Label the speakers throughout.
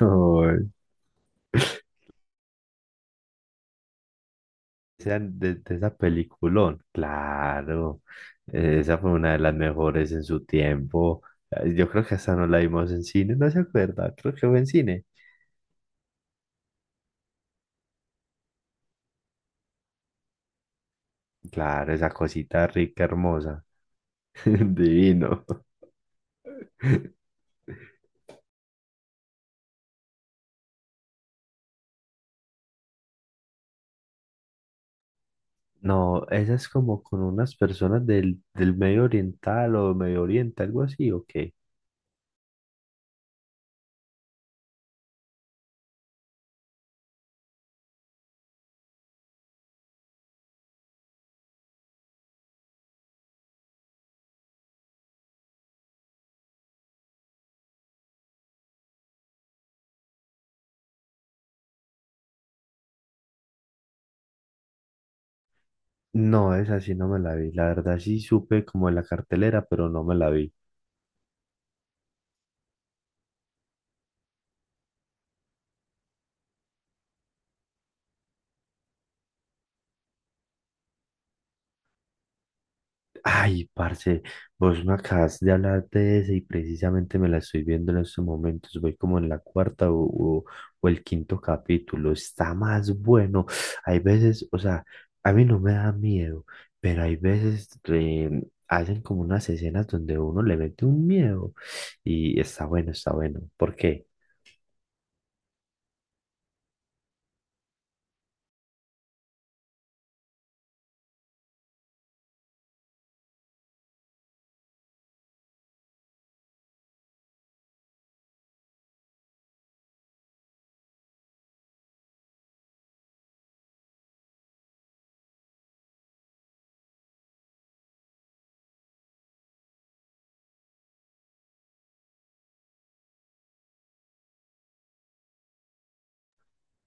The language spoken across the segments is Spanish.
Speaker 1: Uy, sean de esa peliculón, claro, esa fue una de las mejores en su tiempo. Yo creo que hasta no la vimos en cine, no se acuerda, creo que fue en cine. Claro, esa cosita rica, hermosa, divino. No, esa es como con unas personas del Medio Oriental o Medio Oriente, algo así, ¿o qué? No, esa sí no me la vi, la verdad sí supe como en la cartelera, pero no me la vi. Ay, parce, vos me acabas de hablar de ese y precisamente me la estoy viendo en estos momentos. Voy como en la cuarta o- o el quinto capítulo. Está más bueno. Hay veces, o sea, a mí no me da miedo, pero hay veces hacen como unas escenas donde uno le mete un miedo y está bueno, está bueno. ¿Por qué?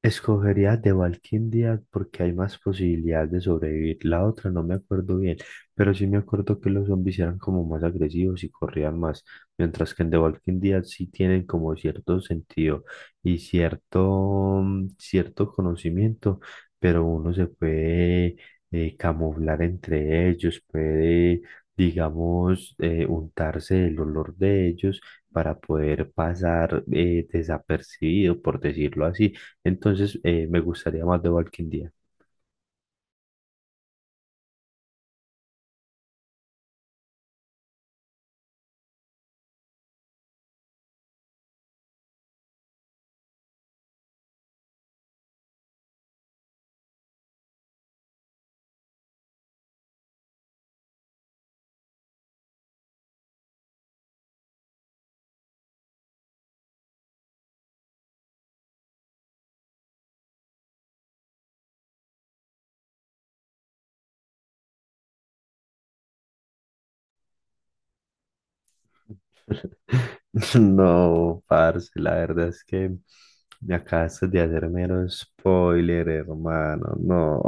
Speaker 1: Escogería de Valquindia porque hay más posibilidades de sobrevivir. La otra no me acuerdo bien, pero sí me acuerdo que los zombies eran como más agresivos y corrían más, mientras que en The Walking Dead sí tienen como cierto sentido y cierto, mm, cierto conocimiento, pero uno se puede camuflar entre ellos, puede, digamos, untarse el olor de ellos para poder pasar desapercibido, por decirlo así, entonces, me gustaría más The Walking Dead. No, parce, la verdad es que me acabaste de hacer mero spoiler, hermano. No.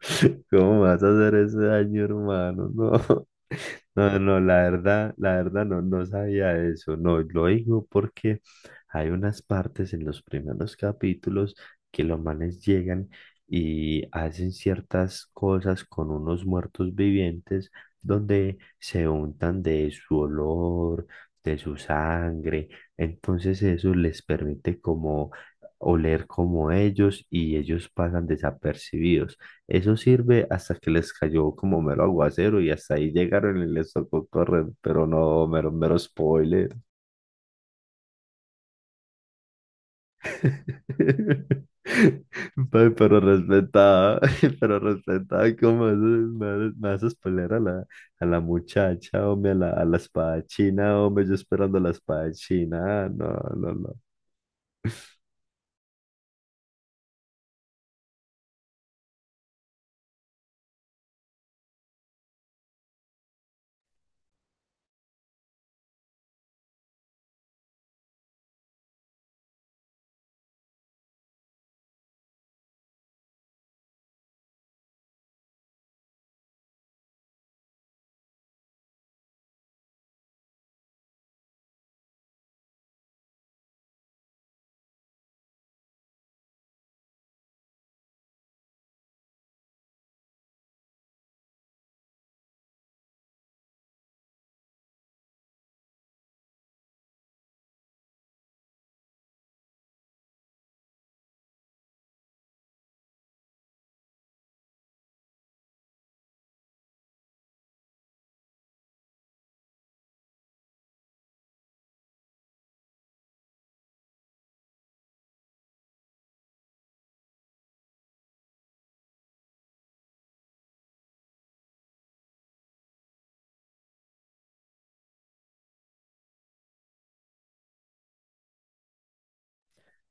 Speaker 1: ¿Cómo vas a hacer ese daño, hermano? No. No, no, la verdad, no sabía eso. No, lo digo porque hay unas partes en los primeros capítulos que los manes llegan y hacen ciertas cosas con unos muertos vivientes donde se untan de su olor, de su sangre. Entonces eso les permite como oler como ellos y ellos pasan desapercibidos. Eso sirve hasta que les cayó como mero aguacero y hasta ahí llegaron y les tocó correr, pero no, mero, mero spoiler. Pero respetada, pero respetada, me haces pelear a la muchacha, hombre, a la espada china, hombre, yo esperando la espada china, ah, no, no, no.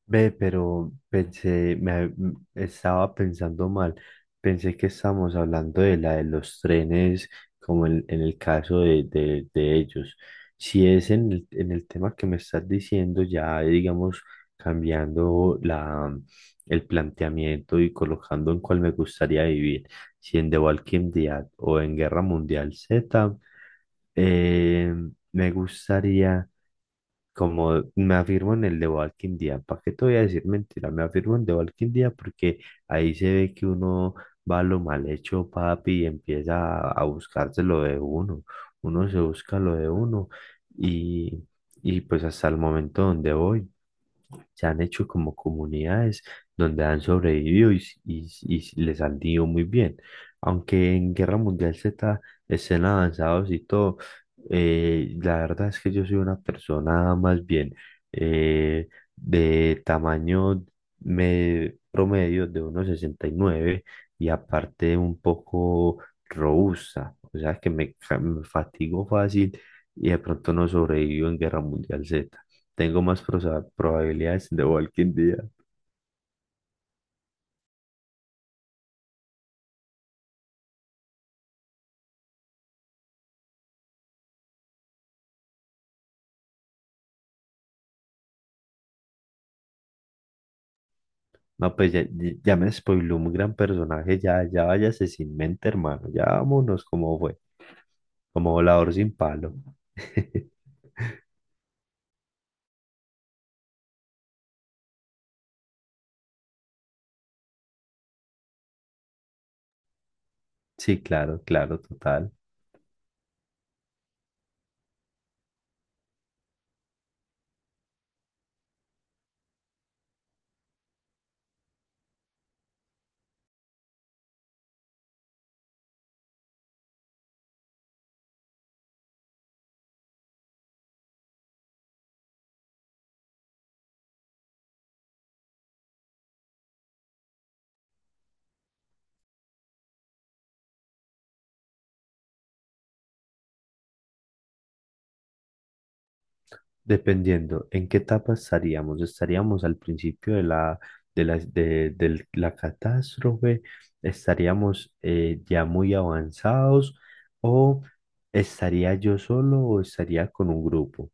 Speaker 1: Ve, pero pensé, estaba pensando mal. Pensé que estábamos hablando de la de los trenes, como en el caso de ellos. Si es en en el tema que me estás diciendo, ya digamos, cambiando la, el planteamiento y colocando en cuál me gustaría vivir, si en The Walking Dead o en Guerra Mundial Z, eh, me gustaría. Como me afirmo en el de Walking Dead, ¿para qué te voy a decir mentira? Me afirmo en el de Walking Dead porque ahí se ve que uno va a lo mal hecho, papi, y empieza a buscarse lo de uno. Uno se busca lo de uno y, y pues hasta el momento donde voy se han hecho como comunidades donde han sobrevivido y les han ido muy bien. Aunque en Guerra Mundial Z estén avanzados y todo, la verdad es que yo soy una persona más bien eh, de tamaño promedio de 1,69 y nueve y aparte un poco robusta, o sea que me fatigo fácil y de pronto no sobrevivo en Guerra Mundial Z. Tengo más probabilidades de Walking Dead. No, pues ya, ya me spoiló un gran personaje. Ya, ya váyase sin mente, hermano. Ya vámonos como fue. Como volador sin palo. Sí, claro, claro, total. Dependiendo en qué etapa estaríamos. Estaríamos al principio de la catástrofe, estaríamos ya muy avanzados o estaría yo solo o estaría con un grupo.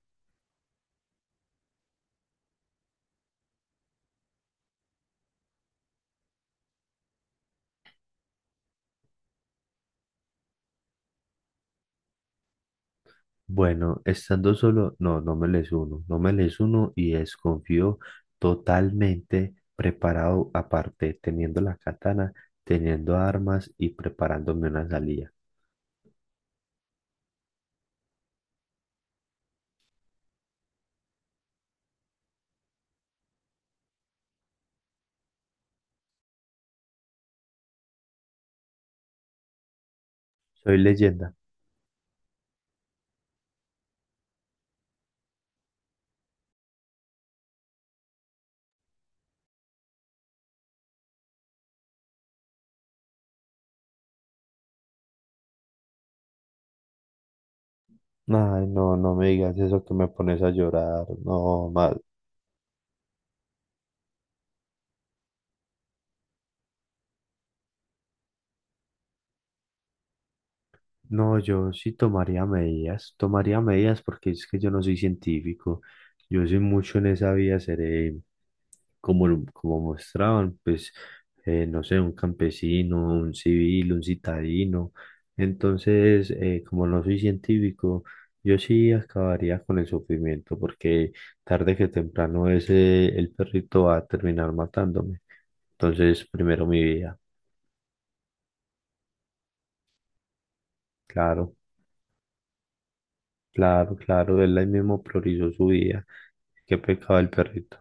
Speaker 1: Bueno, estando solo, no, no me les uno, no me les uno y desconfío totalmente preparado, aparte, teniendo la katana, teniendo armas y preparándome una salida. Soy leyenda. Ay, no, no me digas eso que me pones a llorar. No, más, no, yo sí tomaría medidas porque es que yo no soy científico, yo soy mucho en esa vía, seré como, como mostraban, pues, no sé, un campesino, un civil, un citadino. Entonces, como no soy científico, yo sí acabaría con el sufrimiento porque tarde que temprano el perrito va a terminar matándome. Entonces, primero mi vida, claro, claro, claro, él ahí mismo priorizó su vida. Qué pecado el perrito.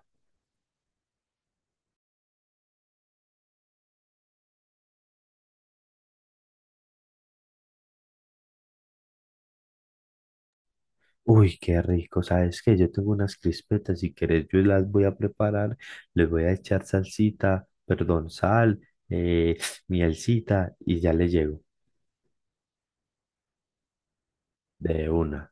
Speaker 1: Uy, qué rico. ¿Sabes qué? Yo tengo unas crispetas. Si querés, yo las voy a preparar. Les voy a echar salsita, perdón, sal, eh, mielcita y ya le llego. De una.